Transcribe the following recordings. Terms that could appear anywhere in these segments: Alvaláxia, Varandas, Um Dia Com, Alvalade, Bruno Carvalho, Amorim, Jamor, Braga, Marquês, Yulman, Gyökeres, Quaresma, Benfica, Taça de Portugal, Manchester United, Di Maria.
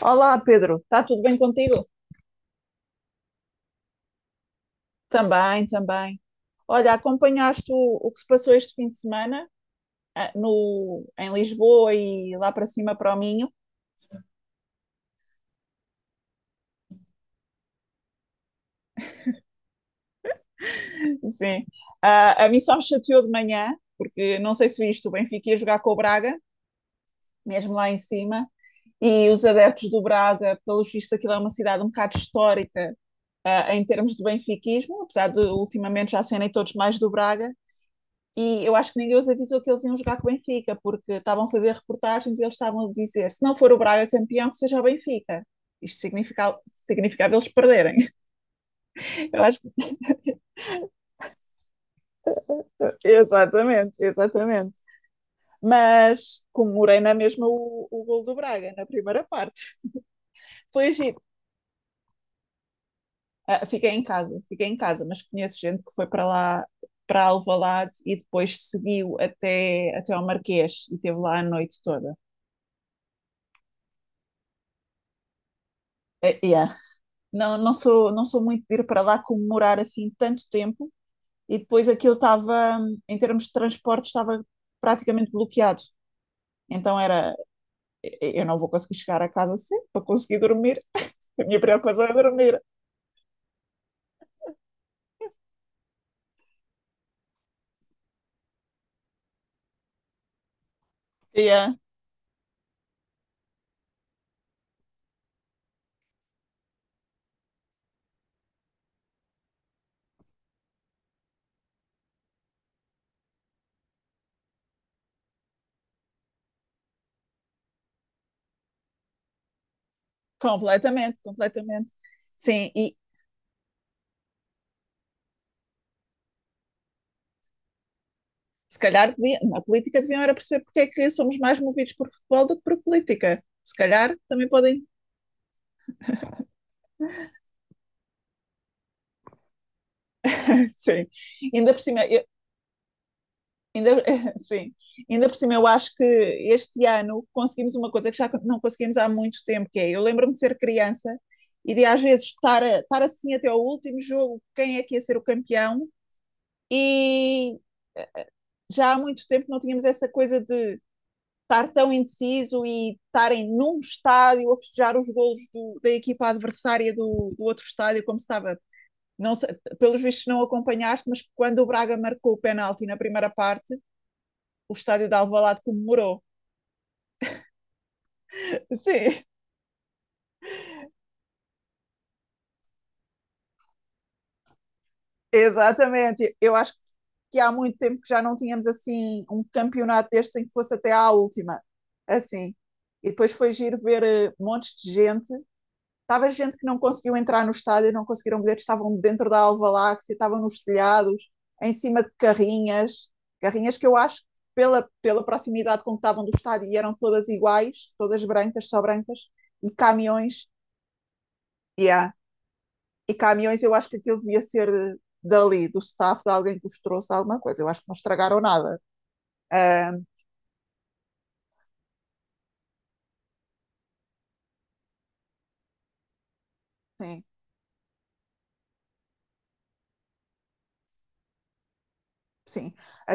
Olá, Pedro. Está tudo bem contigo? Também, também. Olha, acompanhaste o que se passou este fim de semana, ah, no, em Lisboa e lá para cima para o Minho? Sim. A mim só me chateou de manhã, porque não sei se viste, o Benfica ia jogar com o Braga, mesmo lá em cima, e os adeptos do Braga, pelo visto, aquilo é uma cidade um bocado histórica, em termos de benfiquismo, apesar de ultimamente já serem todos mais do Braga. E eu acho que ninguém os avisou que eles iam jogar com o Benfica, porque estavam a fazer reportagens e eles estavam a dizer: se não for o Braga campeão, que seja o Benfica. Isto significava eles perderem. Eu acho que... Exatamente, exatamente. Mas comemorei na mesma o gol do Braga, na primeira parte. Foi giro. Ah, fiquei em casa, mas conheço gente que foi para lá, para Alvalade e depois seguiu até ao Marquês e esteve lá a noite toda. Yeah. Não, não sou muito de ir para lá comemorar assim tanto tempo. E depois aquilo estava, em termos de transporte, estava praticamente bloqueado. Então era, eu não vou conseguir chegar a casa cedo para conseguir dormir. A minha preocupação é dormir. Yeah, completamente, completamente. Sim, e se calhar devia, na política deviam era perceber porque é que somos mais movidos por futebol do que por política. Se calhar também podem. Sim. Ainda por cima, Ainda, sim, ainda por cima, eu acho que este ano conseguimos uma coisa que já não conseguimos há muito tempo, que é, eu lembro-me de ser criança e de às vezes estar, estar assim até ao último jogo, quem é que ia ser o campeão, e eh, já há muito tempo não tínhamos essa coisa de estar tão indeciso e estarem num estádio a festejar os golos da equipa adversária do outro estádio, como se estava. Não sei, pelos vistos não acompanhaste, mas quando o Braga marcou o penalti na primeira parte, o estádio de Alvalade comemorou. Sim, exatamente. Eu acho que há muito tempo que já não tínhamos assim um campeonato deste em que fosse até à última. Assim. E depois foi giro ver montes de gente. Estava gente que não conseguiu entrar no estádio, não conseguiram bilhetes, estavam dentro da Alvaláxia, estavam nos telhados, em cima de carrinhas. Carrinhas que eu acho, que pela proximidade com que estavam do estádio, eram todas iguais, todas brancas, só brancas, e caminhões. Yeah. E caminhões, eu acho que aquilo devia ser dali, do staff, de alguém que os trouxe alguma coisa. Eu acho que não estragaram nada. Ah, sim, sim. A,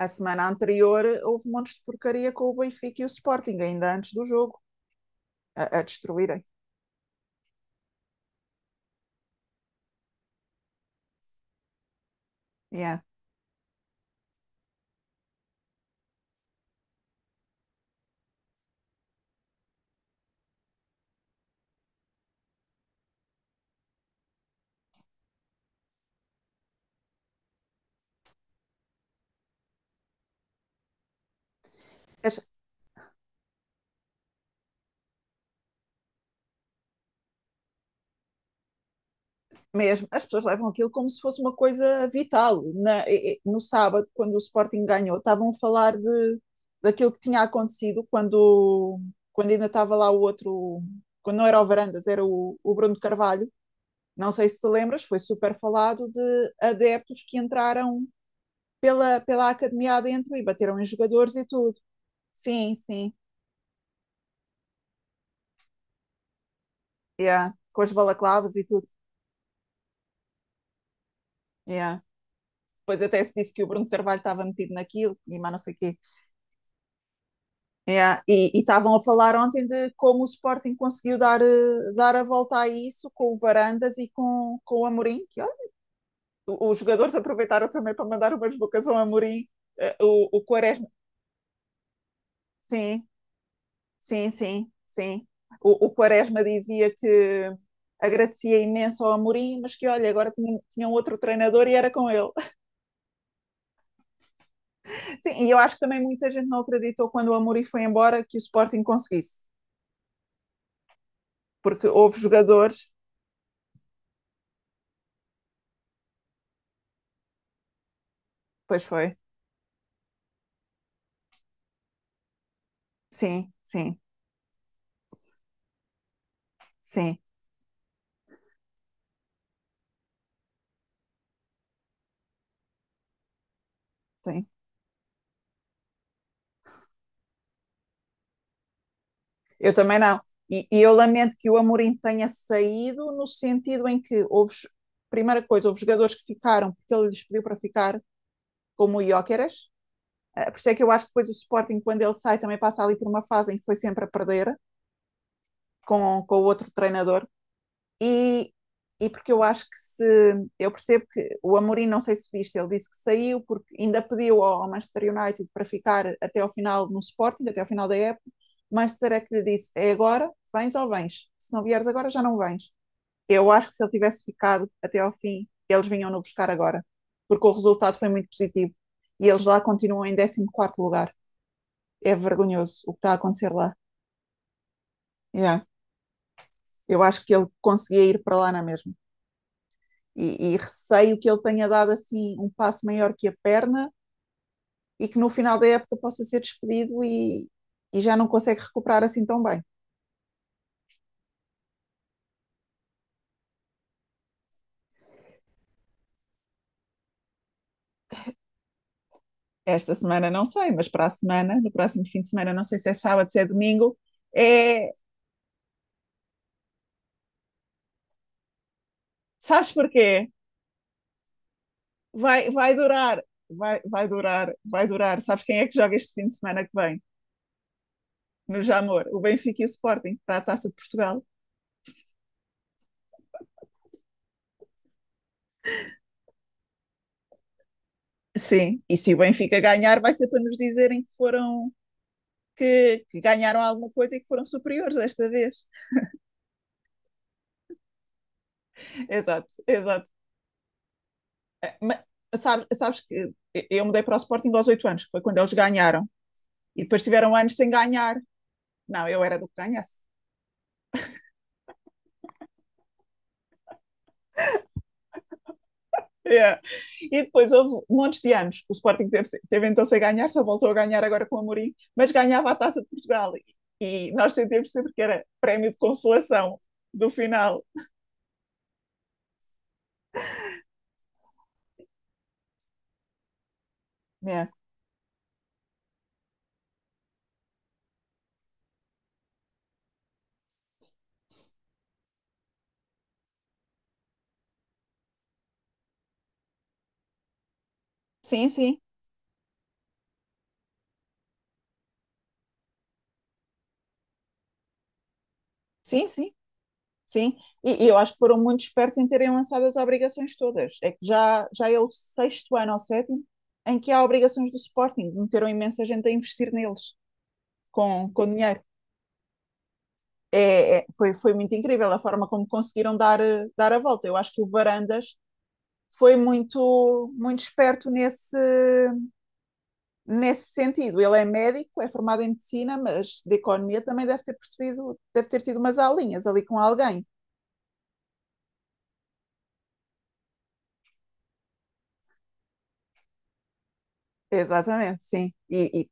a semana anterior houve montes de porcaria com o Benfica e o Sporting, ainda antes do jogo, a destruírem. Yeah. As, mesmo, as pessoas levam aquilo como se fosse uma coisa vital. No sábado, quando o Sporting ganhou, estavam a falar daquilo que tinha acontecido quando, ainda estava lá o outro, quando não era o Varandas, era o Bruno Carvalho. Não sei se te lembras, foi super falado de adeptos que entraram pela academia adentro e bateram em jogadores e tudo. Sim, sim. Yeah. Com as balaclavas e tudo. Yeah. Depois até se disse que o Bruno Carvalho estava metido naquilo e mais não sei o quê. Yeah. E estavam a falar ontem de como o Sporting conseguiu dar a volta a isso com o Varandas e com o Amorim. Que, olha, os jogadores aproveitaram também para mandar umas bocas ao Amorim. O Quaresma, sim. Sim, sim, sim. O Quaresma dizia que agradecia imenso ao Amorim, mas que olha, agora tinha um outro treinador e era com ele. Sim, e eu acho que também muita gente não acreditou quando o Amorim foi embora que o Sporting conseguisse, porque houve jogadores, pois foi. Sim, sim, sim, sim. Eu também não. E eu lamento que o Amorim tenha saído no sentido em que houve, primeira coisa, houve jogadores que ficaram porque ele lhes pediu para ficar, como o Gyökeres. É. Por isso é que eu acho que depois o Sporting, quando ele sai, também passa ali por uma fase em que foi sempre a perder com o outro treinador. E, e porque eu acho que se. Eu percebo que o Amorim, não sei se viste, ele disse que saiu porque ainda pediu ao Manchester United para ficar até ao final no Sporting, até ao final da época. Manchester é que lhe disse: é agora, vens ou vens? Se não vieres agora, já não vens. Eu acho que se ele tivesse ficado até ao fim, eles vinham-no buscar agora, porque o resultado foi muito positivo e eles lá continuam em 14º lugar. É vergonhoso o que está a acontecer lá. Yeah. Eu acho que ele conseguia ir para lá na mesma. E receio que ele tenha dado assim um passo maior que a perna e que no final da época possa ser despedido e já não consegue recuperar assim tão bem. Esta semana não sei, mas para a semana, no próximo fim de semana, não sei se é sábado, se é domingo, é. Sabes porquê? Vai, vai durar, vai, vai durar, vai durar. Sabes quem é que joga este fim de semana que vem? No Jamor, o Benfica e o Sporting, para a Taça de Portugal. Sim, e se o Benfica ganhar, vai ser para nos dizerem que que ganharam alguma coisa e que foram superiores desta vez. Exato, exato. Mas, sabes que eu mudei para o Sporting aos 8 anos, que foi quando eles ganharam, e depois tiveram anos sem ganhar. Não, eu era do que ganhasse. Yeah. E depois houve montes de anos que o Sporting teve então sem ganhar, só voltou a ganhar agora com o Amorim, mas ganhava a Taça de Portugal e nós sentimos sempre que era prémio de consolação do final. Yeah. Sim, sim, sim, sim. Sim, e eu acho que foram muito espertos em terem lançado as obrigações todas. É que já é o sexto ano ou sétimo em que há obrigações do Sporting. Meteram imensa gente a investir neles com dinheiro. Foi muito incrível a forma como conseguiram dar a volta. Eu acho que o Varandas foi muito, muito esperto nesse sentido. Ele é médico, é formado em medicina, mas de economia também deve ter percebido, deve ter tido umas aulinhas ali com alguém. Exatamente, sim.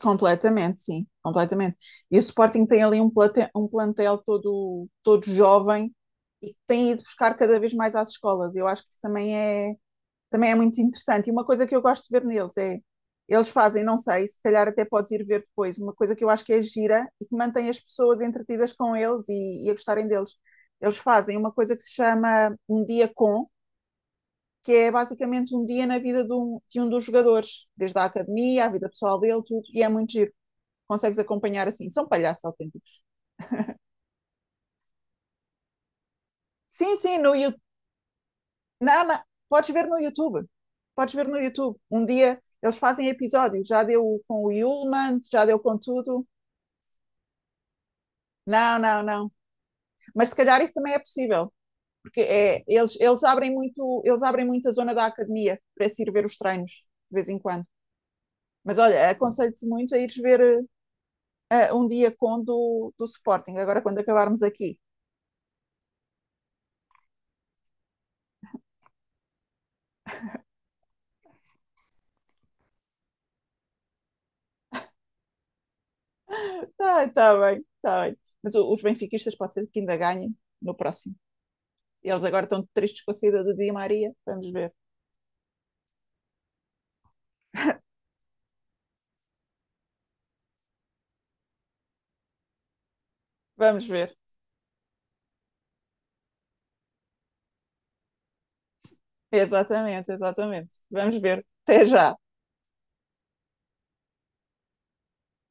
Completamente, sim, completamente. E o Sporting tem ali um plantel todo, todo jovem e que tem ido buscar cada vez mais às escolas. Eu acho que isso também é muito interessante. E uma coisa que eu gosto de ver neles é, eles fazem, não sei, se calhar até podes ir ver depois, uma coisa que eu acho que é gira e que mantém as pessoas entretidas com eles e a gostarem deles. Eles fazem uma coisa que se chama Um Dia Com, que é basicamente um dia na vida de um, dos jogadores, desde a academia, à vida pessoal dele, tudo, e é muito giro consegues acompanhar assim. São palhaços autênticos. Sim, sim, no YouTube. Não, não. Podes ver no YouTube. Podes ver no YouTube. Um dia eles fazem episódios. Já deu com o Yulman, já deu com tudo. Não, não, não. Mas se calhar isso também é possível, porque é, eles abrem muito, eles abrem muito a zona da academia para se ir ver os treinos de vez em quando. Mas olha, aconselho-te muito a ires ver um dia com do Sporting, agora quando acabarmos aqui. Tá, tá bem, tá bem. Mas os benfiquistas pode ser que ainda ganhem no próximo. Eles agora estão tristes com a saída do Di Maria. Vamos ver. Vamos ver. Exatamente, exatamente. Vamos ver. Até já.